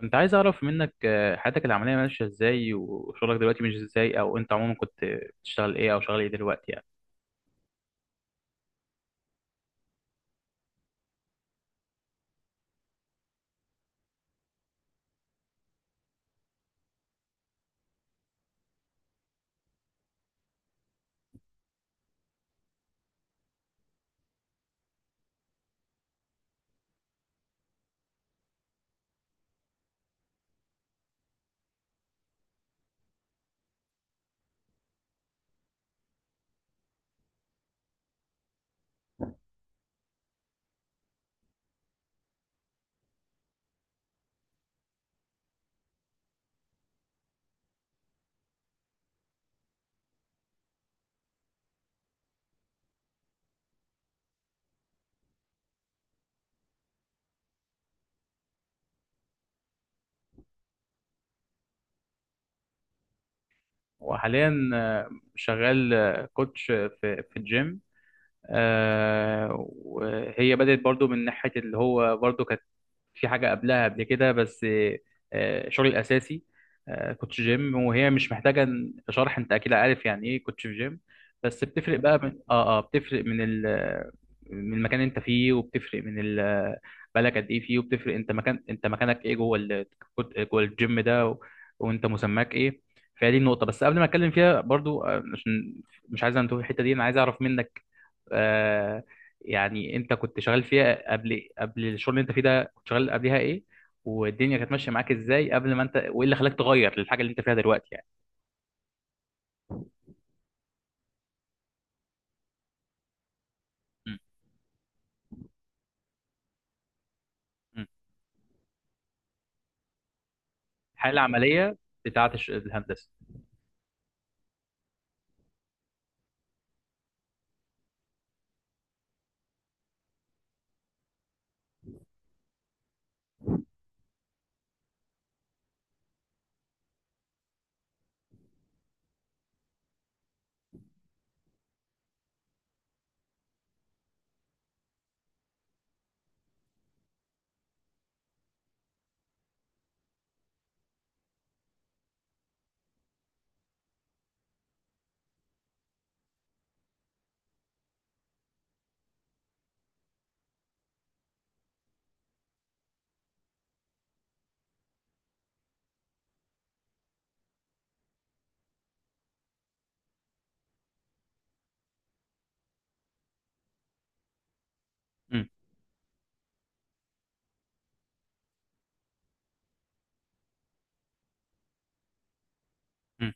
كنت عايز اعرف منك حياتك العمليه ماشيه ازاي وشغلك دلوقتي مش ازاي او انت عموما كنت بتشتغل ايه او شغال ايه دلوقتي يعني. وحاليا شغال كوتش في الجيم. وهي بدأت برضو من ناحيه اللي هو برضو في حاجة قبلها قبل كده، بس شغلي الأساسي كنت في جيم، وهي مش محتاجة شرح، أنت أكيد عارف يعني إيه كنت في جيم. بس بتفرق بقى من بتفرق من من المكان اللي أنت فيه، وبتفرق من بقالك قد إيه فيه، وبتفرق أنت مكانك إيه جوه جوه الجيم ده، وأنت مسماك إيه؟ فهي دي النقطة، بس قبل ما أتكلم فيها برضو عشان مش عايز أنتهي الحتة دي، أنا عايز أعرف منك آه، يعني أنت كنت شغال فيها قبل الشغل اللي أنت فيه ده، كنت شغال قبلها ايه، والدنيا كانت ماشيه معاك ازاي قبل ما انت، وايه اللي خلاك تغير للحاجه اللي انت فيها دلوقتي يعني؟ مم. مم. الحاله العمليه بتاعه الهندسه. مم. مم.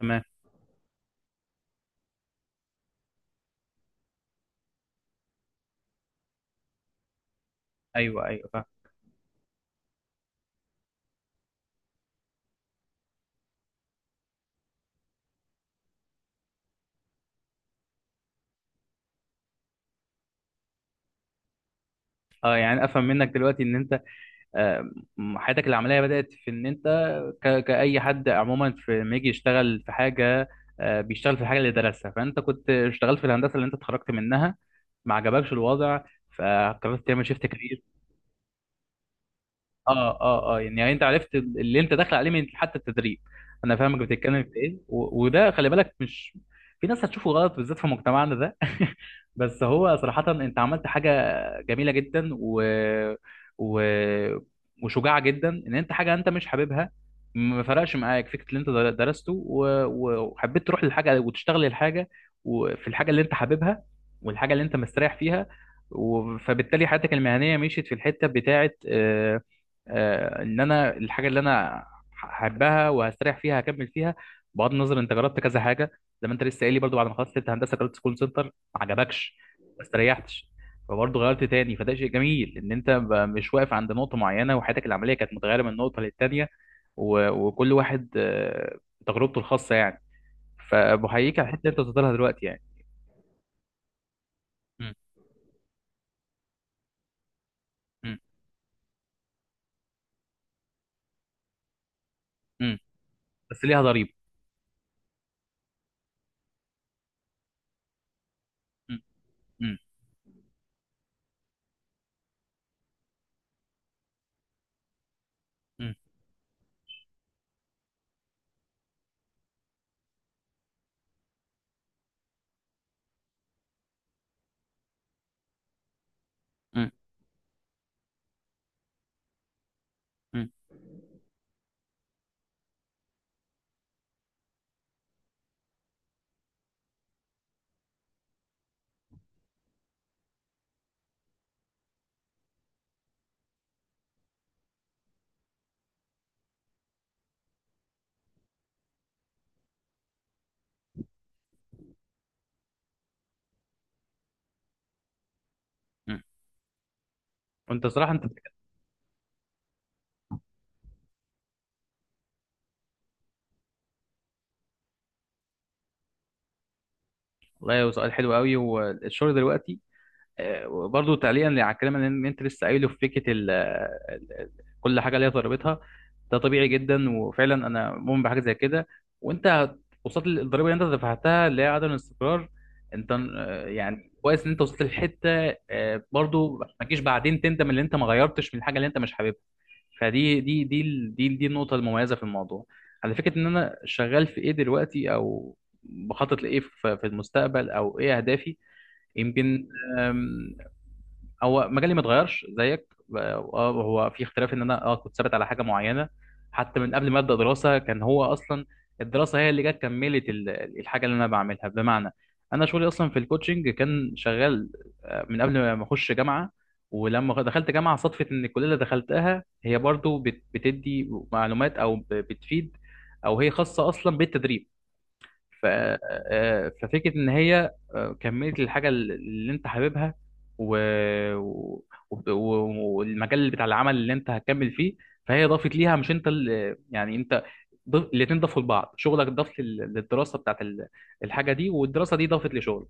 تمام. ايوه، ايوه، فاهم. اه، يعني افهم منك دلوقتي ان انت آه، حياتك العمليه بدات في ان انت كاي حد عموما في لما يجي يشتغل في حاجه، بيشتغل في الحاجه اللي درسها. فانت كنت اشتغلت في الهندسه اللي انت اتخرجت منها، ما عجبكش الوضع، فقررت تعمل شيفت كارير. اه يعني انت عرفت اللي انت داخل عليه من حتى التدريب، انا فاهمك بتتكلم في ايه، وده خلي بالك مش في ناس هتشوفه غلط بالذات في مجتمعنا ده. بس هو صراحة انت عملت حاجة جميلة جدا و... وشجاعة جدا، ان انت حاجة انت مش حاببها، ما فرقش معاك فكرة اللي انت درسته، وحبيت تروح للحاجة وتشتغل الحاجة، وفي الحاجة اللي انت حاببها، والحاجة اللي انت مستريح فيها. فبالتالي حياتك المهنية مشيت في الحتة بتاعة ان انا الحاجه اللي انا هحبها وهستريح فيها هكمل فيها، بغض النظر انت جربت كذا حاجه. زي ما انت لسه قايل لي برضو، بعد ما خلصت انت هندسه جربت كول سنتر، ما عجبكش، ما استريحتش، فبرضه غيرت تاني. فده شيء جميل ان انت مش واقف عند نقطه معينه، وحياتك العمليه كانت متغيره من نقطه للتانيه، وكل واحد تجربته الخاصه يعني، فبحييك على الحته اللي انت وصلت لها دلوقتي يعني. م- م- م. بس ليها ضريبه. م- م- م- م- م- م. وانت صراحه انت، والله هو سؤال حلو قوي. والشغل دلوقتي برضو تعليقا على الكلام اللي إن انت لسه قايله، في فكره كل حاجه ليها ضريبتها. ده طبيعي جدا وفعلا انا مؤمن بحاجه زي كده. وانت هت- وصلت للضريبه اللي انت دفعتها، اللي هي عدم الاستقرار. انت يعني كويس ان انت وصلت للحته، برضو ما تجيش بعدين تندم ان انت ما غيرتش من الحاجه اللي انت مش حاببها. فدي دي دي ال- دي دي النقطة المميزة في الموضوع، على فكرة. إن أنا شغال في إيه دلوقتي، أو بخطط لإيه في المستقبل، أو إيه أهدافي؟ يمكن هو مجالي ما اتغيرش زيك. اه، هو في اختلاف ان انا كنت ثابت على حاجه معينه، حتى من قبل ما ابدا دراسه. كان هو اصلا الدراسه هي اللي جت كملت الحاجه اللي انا بعملها، بمعنى انا شغلي اصلا في الكوتشنج كان شغال من قبل ما اخش جامعه. ولما دخلت جامعه صدفه ان الكليه اللي دخلتها هي برضو بتدي معلومات، او بتفيد، او هي خاصه اصلا بالتدريب. ف... آه، ففكرة إن هي كملت الحاجة اللي أنت حاببها، و... و... والمجال بتاع العمل اللي أنت هتكمل فيه. فهي ضافت ليها، مش أنت اللي يعني أنت الاتنين ضافوا لبعض، شغلك ضاف للدراسة الحاجة دي، والدراسة دي ضافت لشغلك.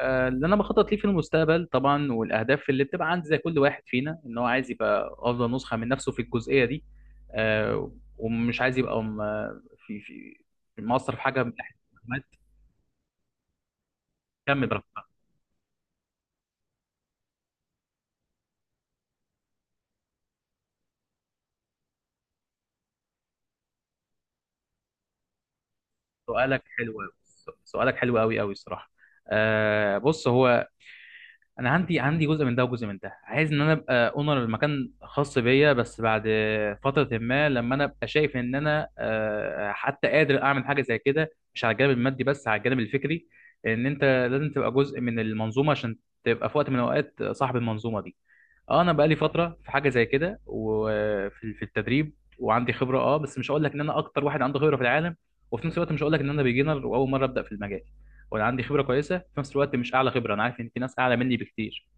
اللي أنا بخطط ليه في المستقبل طبعا، والأهداف اللي بتبقى عند زي كل واحد فينا، إن هو عايز يبقى أفضل نسخة من نفسه في الجزئية دي. آه، ومش عايز يبقى في مقصر في حاجة من ناحية. كمل براحتك. سؤالك حلو أوي. سؤالك حلو أوي أوي الصراحة. بص هو، أنا عندي جزء من ده وجزء من ده، عايز إن أنا أبقى أونر المكان خاص بيا، بس بعد فترة ما لما أنا أبقى شايف إن أنا آه حتى قادر أعمل حاجة زي كده، مش على الجانب المادي بس على الجانب الفكري. إن أنت لازم تبقى جزء من المنظومة عشان تبقى في وقت من الأوقات صاحب المنظومة دي. اه، انا بقالي فتره في حاجه زي كده، وفي التدريب، وعندي خبره. اه، بس مش هقول لك ان انا اكتر واحد عنده خبره في العالم، وفي نفس الوقت مش هقول لك ان انا بيجنر واول مره ابدا في المجال. وانا عندي خبره كويسه في نفس الوقت، مش اعلى خبره، انا عارف ان في ناس اعلى مني بكتير.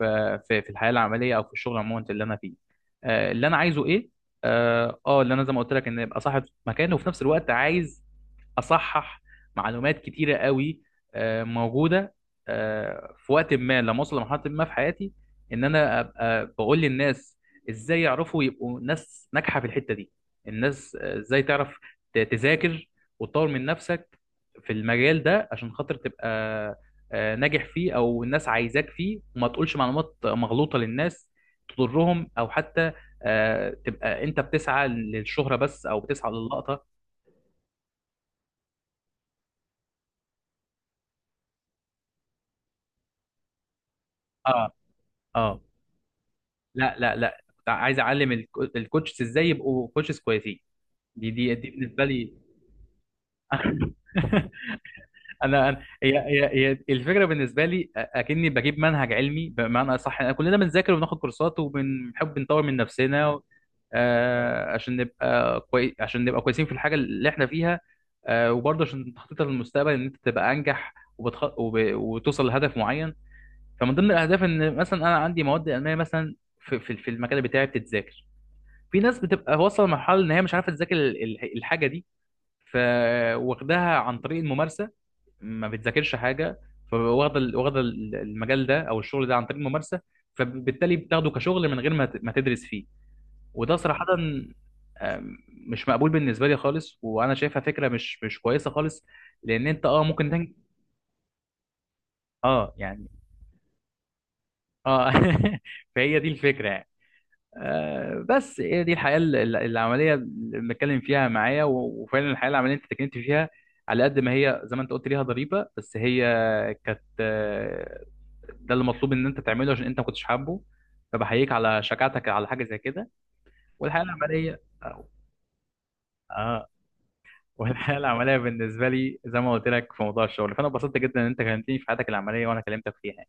ف- في الحياه العمليه، او في الشغل عموما اللي انا فيه، اللي انا عايزه ايه؟ اه، اللي انا زي ما قلت لك، ان ابقى صاحب مكان، وفي نفس الوقت عايز اصحح معلومات كتيره قوي موجوده، في وقت ما لما اوصل لمرحله ما في حياتي، ان انا ابقى بقول للناس ازاي يعرفوا يبقوا ناس ناجحه في الحته دي. الناس ازاي تعرف تذاكر وتطور من نفسك في المجال ده، عشان خاطر تبقى ناجح فيه، او الناس عايزاك فيه، وما تقولش معلومات مغلوطه للناس تضرهم، او حتى تبقى انت بتسعى للشهره بس، او بتسعى للقطه. اه. اه. لا، لا، لا، كنت عايز اعلم الكوتشز ازاي يبقوا كوتشز كويسين. دي بالنسبه لي. انا أنا- هي الفكره بالنسبه لي. اكني بجيب منهج علمي، بمعنى اصح. أنا كلنا بنذاكر وبناخد كورسات وبنحب نطور من نفسنا عشان نبقى كويسين في الحاجه اللي احنا فيها، وبرضه عشان تخطيطها للمستقبل ان انت تبقى انجح وتوصل لهدف معين. فمن ضمن الاهداف ان مثلا انا عندي مواد المانيه مثلا في المجال بتاعي بتتذاكر. في ناس بتبقى واصله لمرحله ان هي مش عارفه تذاكر الحاجه دي، فواخداها عن طريق الممارسه، ما بتذاكرش حاجه. فواخده المجال ده او الشغل ده عن طريق الممارسه، فبالتالي بتاخده كشغل من غير ما ما تدرس فيه. وده صراحه مش مقبول بالنسبه لي خالص، وانا شايفها فكره مش كويسه خالص. لان انت، ممكن اه يعني اه فهي دي الفكره يعني. بس هي دي الحياة العملية اللي بنتكلم فيها معايا، وفعلا الحياة العملية انت اتكلمت فيها، على قد ما هي زي ما انت قلت، ليها ضريبة، بس هي كانت ده اللي مطلوب ان انت تعمله، عشان انت ما كنتش حابه. فبحييك على شجاعتك على حاجة زي كده. والحياة العملية اه آه، والحياة العملية بالنسبة لي زي ما قلت لك في موضوع الشغل، فانا اتبسطت جدا ان انت كلمتني في حياتك العملية وانا كلمتك فيها.